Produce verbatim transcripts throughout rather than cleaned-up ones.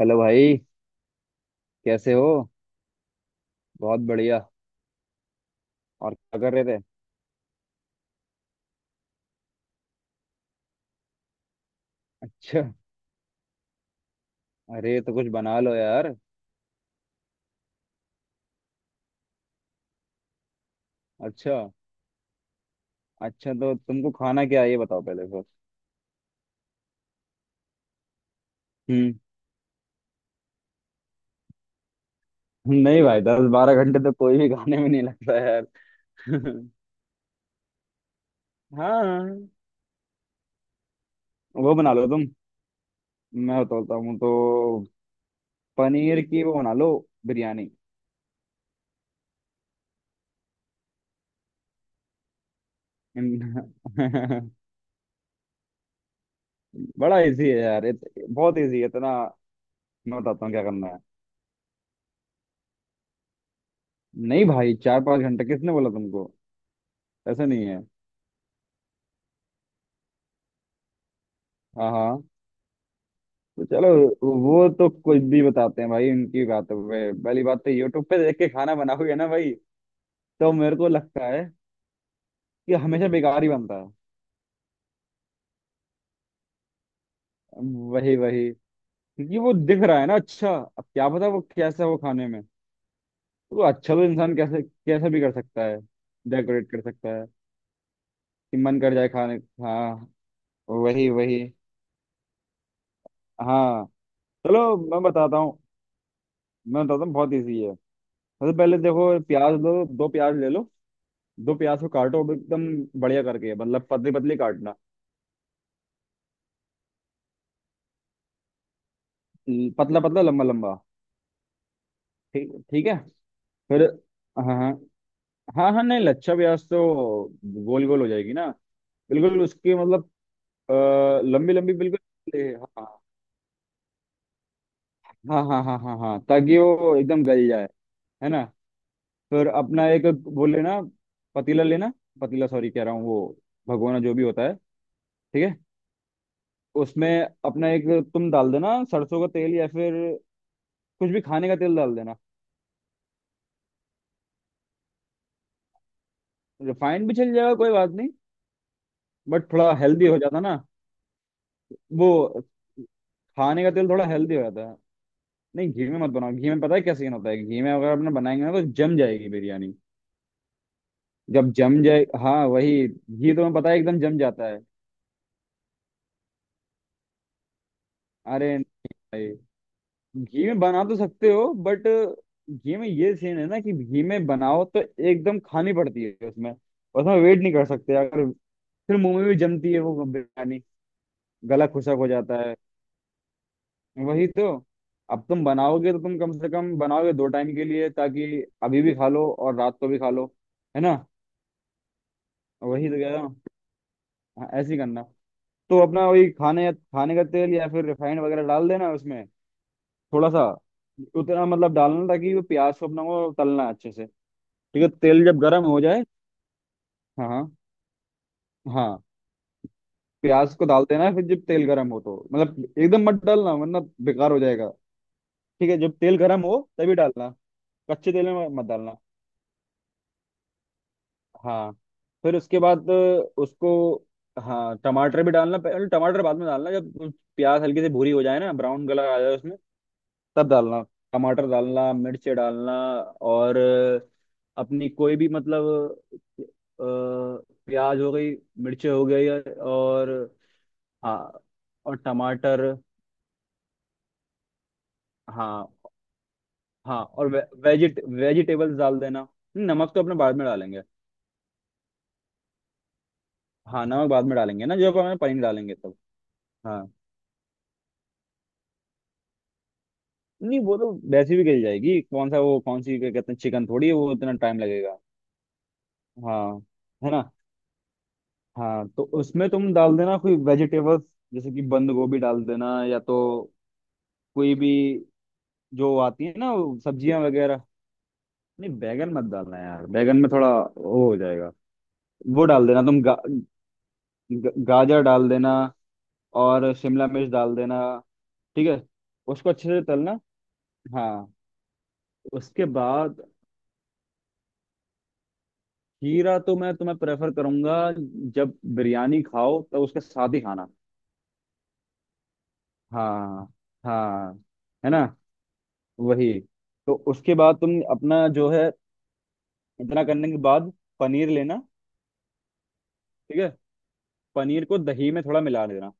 Hello भाई। कैसे हो? बहुत बढ़िया। और क्या कर रहे थे? अच्छा। अरे तो कुछ बना लो यार। अच्छा। अच्छा तो तुमको खाना क्या है ये बताओ पहले। फिर हम्म। नहीं भाई दस बारह घंटे तो कोई भी खाने में नहीं लगता यार। हाँ वो बना लो तुम। मैं बताता हूँ तो। पनीर की वो बना लो, बिरयानी। बड़ा इजी है यार, इत, बहुत इजी है इतना। मैं बताता हूँ क्या करना है। नहीं भाई चार पाँच घंटे किसने बोला तुमको? ऐसा नहीं है। हाँ हाँ। तो चलो, वो तो कुछ भी बताते हैं भाई उनकी बातों पे। पहली बात तो यूट्यूब पे देख के खाना बनाओगे ना भाई, तो मेरे को लगता है कि हमेशा बेकार ही बनता है। वही वही। क्योंकि वो दिख रहा है ना अच्छा, अब क्या पता वो कैसा हो खाने में। तो अच्छा, तो इंसान कैसे कैसा भी कर सकता है, डेकोरेट कर सकता है कि मन कर जाए खाने। हाँ। वही वही। हाँ चलो। मैं बताता हूँ, मैं बताता हूँ बहुत ईजी है। सबसे पहले देखो, प्याज लो, दो प्याज ले लो। दो प्याज को काटो अब एकदम बढ़िया करके, मतलब पतली पतली काटना, पतला पतला लंबा लंबा। ठीक ठीक है। फिर हाँ हाँ हाँ हाँ, नहीं लच्छा प्याज तो गोल गोल हो जाएगी ना। बिल्कुल उसकी मतलब अ, लंबी लंबी बिल्कुल ए, हाँ हाँ हाँ हाँ हाँ हाँ, ताकि वो एकदम गल जाए, है ना? फिर अपना एक वो लेना, पतीला लेना। पतीला सॉरी कह रहा हूँ, वो भगोना जो भी होता है। ठीक है। उसमें अपना एक, तुम डाल देना सरसों का तेल या फिर कुछ भी खाने का तेल डाल देना। रिफाइंड भी चल जाएगा, कोई बात नहीं। बट थोड़ा हेल्दी हो जाता ना वो, खाने का तेल थोड़ा हेल्दी हो जाता है। नहीं घी में मत बनाओ, घी में पता है क्या सीन होता है, घी में अगर अपने बनाएंगे ना तो जम जाएगी बिरयानी। जब जम जाए, हाँ वही घी तो मैं पता है एकदम जम जाता है। अरे नहीं, घी में बना तो सकते हो बट घी में ये सीन है ना कि घी में बनाओ तो एकदम खानी पड़ती है, उसमें उसमें वेट नहीं कर सकते अगर। फिर मुंह में भी जमती है वो बिरयानी, गला खुशक हो जाता। वही तो। अब तुम बनाओगे तो तुम कम से कम बनाओगे दो टाइम के लिए, ताकि अभी भी खा लो और रात को भी खा लो। है ना? वही तो कह रहा हूँ। हाँ, ऐसे ही करना। तो अपना वही खाने खाने का तेल या फिर रिफाइंड वगैरह डाल देना उसमें। थोड़ा सा, उतना मतलब डालना ताकि वो प्याज को अपना वो तलना है अच्छे से। ठीक है, तेल जब गर्म हो जाए, हाँ हाँ हाँ, प्याज को डाल देना है। फिर जब तेल गर्म हो तो मतलब एकदम मत डालना वरना बेकार हो जाएगा। ठीक है, जब तेल गर्म हो तभी डालना, कच्चे तेल में मत डालना। हाँ। फिर उसके बाद उसको, हाँ टमाटर भी डालना, पहले टमाटर बाद में डालना, जब प्याज हल्की सी भूरी हो जाए ना, ब्राउन कलर आ जाए उसमें, तब डालना। टमाटर डालना, मिर्च डालना, और अपनी कोई भी, मतलब अ, प्याज हो गई, मिर्च हो गई, और हाँ, और टमाटर। हाँ हाँ, और वे, वेजिट वेजिटेबल्स डाल देना। नमक तो अपने बाद में डालेंगे। हाँ, नमक बाद में डालेंगे ना, जब हमें पनीर डालेंगे तब। हाँ। नहीं वो तो वैसे भी गल जाएगी, कौन सा वो, कौन सी, क्या कहते हैं, चिकन थोड़ी है वो इतना टाइम लगेगा। हाँ। है ना? हाँ, तो उसमें तुम डाल देना कोई वेजिटेबल्स, जैसे कि बंद गोभी डाल देना, या तो कोई भी जो आती है ना वो सब्जियां वगैरह। नहीं बैगन मत डालना यार, बैगन में थोड़ा वो हो जाएगा। वो डाल देना तुम गा, ग- गाजर डाल देना, और शिमला मिर्च डाल देना। ठीक है, उसको अच्छे से तलना। हाँ। उसके बाद खीरा तो मैं तुम्हें प्रेफर करूंगा, जब बिरयानी खाओ तो उसके साथ ही खाना। हाँ हाँ। है ना? वही। तो उसके बाद तुम अपना जो है, इतना करने के बाद, पनीर लेना। ठीक है। पनीर को दही में थोड़ा मिला देना।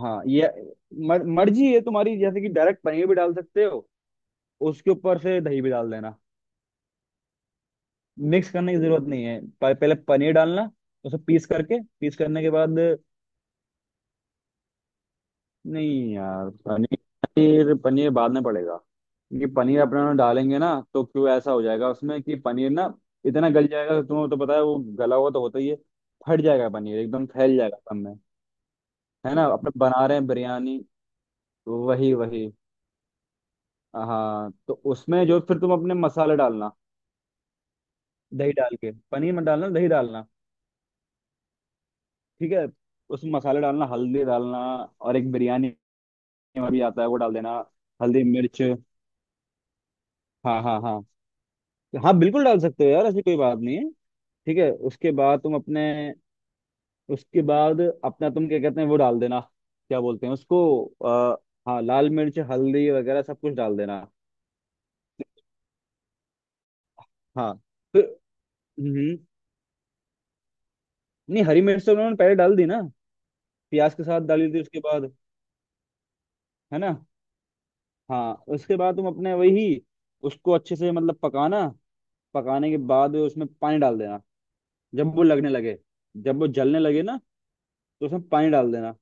हाँ, ये मर, मर्जी है तुम्हारी, जैसे कि डायरेक्ट पनीर भी डाल सकते हो, उसके ऊपर से दही भी डाल देना, मिक्स करने की जरूरत नहीं है। प- पहले पनीर डालना, उसे पीस करके, पीस करने के बाद, नहीं यार, पनीर पनीर पनीर बाद में पड़ेगा। क्योंकि पनीर अपना डालेंगे ना तो क्यों ऐसा हो जाएगा उसमें कि पनीर ना इतना गल जाएगा, तो तुम्हें तो पता है वो गला हुआ तो होता ही है। फट जाएगा पनीर, एकदम फैल जाएगा सब में। है ना, अपने बना रहे हैं बिरयानी। वही वही। हाँ, तो उसमें जो फिर तुम अपने मसाले डालना, दही डाल के, पनीर मत डालना, दही डालना। ठीक है। उसमें मसाले डालना, हल्दी डालना, और एक बिरयानी में भी आता है वो डाल देना। हल्दी मिर्च। हाँ हाँ हाँ, तो हाँ बिल्कुल डाल सकते हो यार, ऐसी कोई बात नहीं है। ठीक है, उसके बाद तुम अपने, उसके बाद अपना तुम क्या कहते हैं वो डाल देना, क्या बोलते हैं उसको, आ, हाँ, लाल मिर्च, हल्दी वगैरह सब कुछ डाल देना। हाँ। फिर हम्म, नहीं हरी मिर्च तो उन्होंने पहले डाल दी ना, प्याज के साथ डाली थी उसके बाद। है ना? हाँ, उसके बाद तुम अपने वही, उसको अच्छे से मतलब पकाना। पकाने के बाद उसमें पानी डाल देना, जब वो लगने लगे, जब वो जलने लगे ना, तो उसमें पानी डाल देना।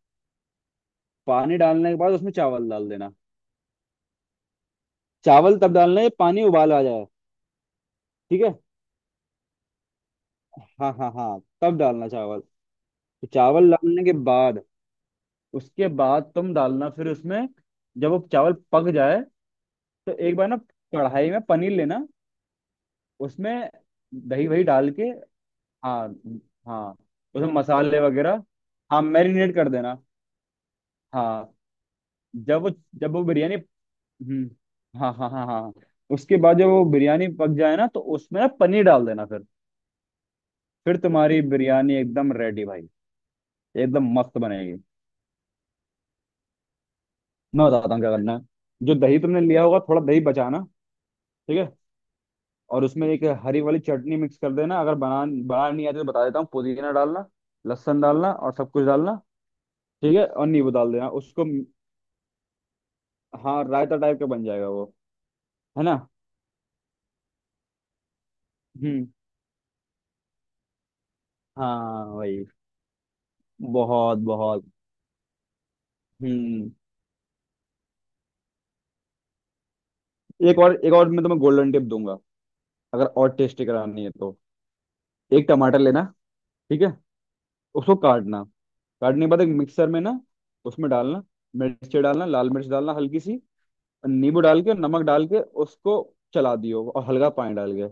पानी डालने के बाद उसमें चावल डाल देना। चावल तब डालना है, पानी उबाल आ जाए। ठीक है, हाँ हाँ हाँ, तब डालना चावल। तो चावल डालने के बाद, उसके बाद तुम डालना फिर उसमें, जब वो चावल पक जाए, तो एक बार ना कढ़ाई में पनीर लेना, उसमें दही वही डाल के। हाँ हाँ, उसमें मसाले वगैरह। हाँ मैरिनेट कर देना। हाँ। जब वो, जब वो बिरयानी, हम्म हाँ हाँ हाँ हाँ, उसके बाद जब वो बिरयानी पक जाए ना तो उसमें ना पनीर डाल देना फिर। फिर तुम्हारी बिरयानी एकदम रेडी भाई, एकदम मस्त बनेगी। मैं बताता हूँ क्या करना है, जो दही तुमने लिया होगा थोड़ा दही बचाना। ठीक है। और उसमें एक हरी वाली चटनी मिक्स कर देना, अगर बना बना नहीं आती तो बता देता हूँ, पुदीना डालना, लहसुन डालना और सब कुछ डालना। ठीक है, और नींबू डाल देना उसको। हाँ, रायता टाइप का बन जाएगा वो, है ना? हम्म। हाँ वही। बहुत बहुत। हम्म। एक और, एक और मैं तुम्हें गोल्डन टिप दूंगा, अगर और टेस्टी करानी है तो। एक टमाटर लेना, ठीक है? उसको काटना, काटने के बाद एक मिक्सर में ना उसमें डालना, मिर्च डालना, लाल मिर्च डालना हल्की सी, नींबू डाल के, नमक डाल के उसको चला दियो, और हल्का पानी डाल के।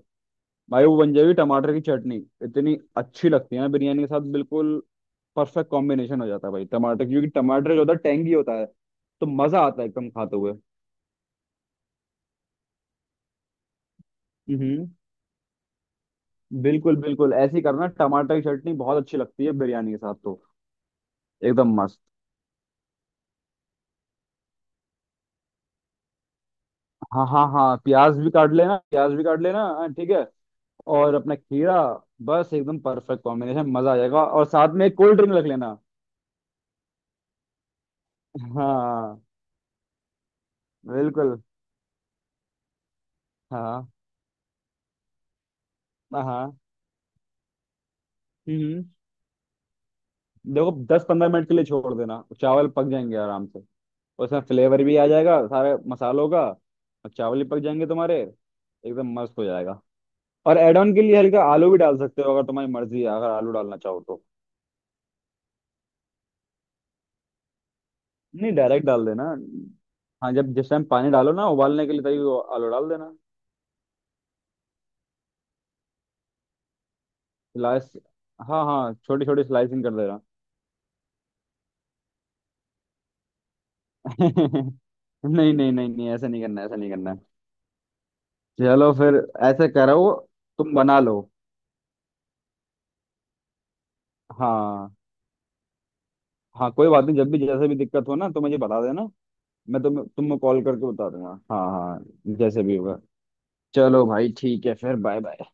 भाई, वो बन जाएगी टमाटर की चटनी। इतनी अच्छी लगती है ना बिरयानी के साथ, बिल्कुल परफेक्ट कॉम्बिनेशन हो जाता है भाई। टमाटर, क्योंकि टमाटर जो होता है टेंगी होता है, तो मजा आता है एकदम खाते हुए। हम्म। बिल्कुल बिल्कुल ऐसे ही करना, टमाटर की चटनी बहुत अच्छी लगती है बिरयानी के साथ तो। एकदम मस्त। हाँ हाँ हाँ, प्याज भी काट लेना, प्याज भी काट लेना। हाँ, ठीक है। और अपना खीरा, बस एकदम परफेक्ट कॉम्बिनेशन, मजा आ जाएगा। और साथ में एक कोल्ड ड्रिंक रख लेना। हाँ बिल्कुल। हाँ हाँ। हम्म, देखो दस पंद्रह मिनट के लिए छोड़ देना, चावल पक जाएंगे आराम से। उसमें फ्लेवर भी आ जाएगा सारे मसालों का, और चावल भी पक जाएंगे तुम्हारे, एकदम मस्त हो जाएगा। और एड ऑन के लिए हल्का आलू भी डाल सकते हो, अगर तुम्हारी मर्जी है, अगर आलू डालना चाहो तो। नहीं, डायरेक्ट डाल देना। हाँ, जब जिस टाइम पानी डालो ना उबालने के लिए, तभी वो आलू डाल देना। स्लाइस, हाँ हाँ छोटी छोटी स्लाइसिंग कर देना। नहीं नहीं नहीं नहीं, ऐसा नहीं करना, ऐसा नहीं करना है। चलो फिर, ऐसे करो, तुम बना लो। हाँ हाँ, कोई बात नहीं, जब भी जैसे भी दिक्कत हो ना तो मुझे बता देना, मैं तुम तुमको कॉल करके बता दूंगा। हाँ हाँ, जैसे भी होगा। चलो भाई, ठीक है फिर, बाय बाय।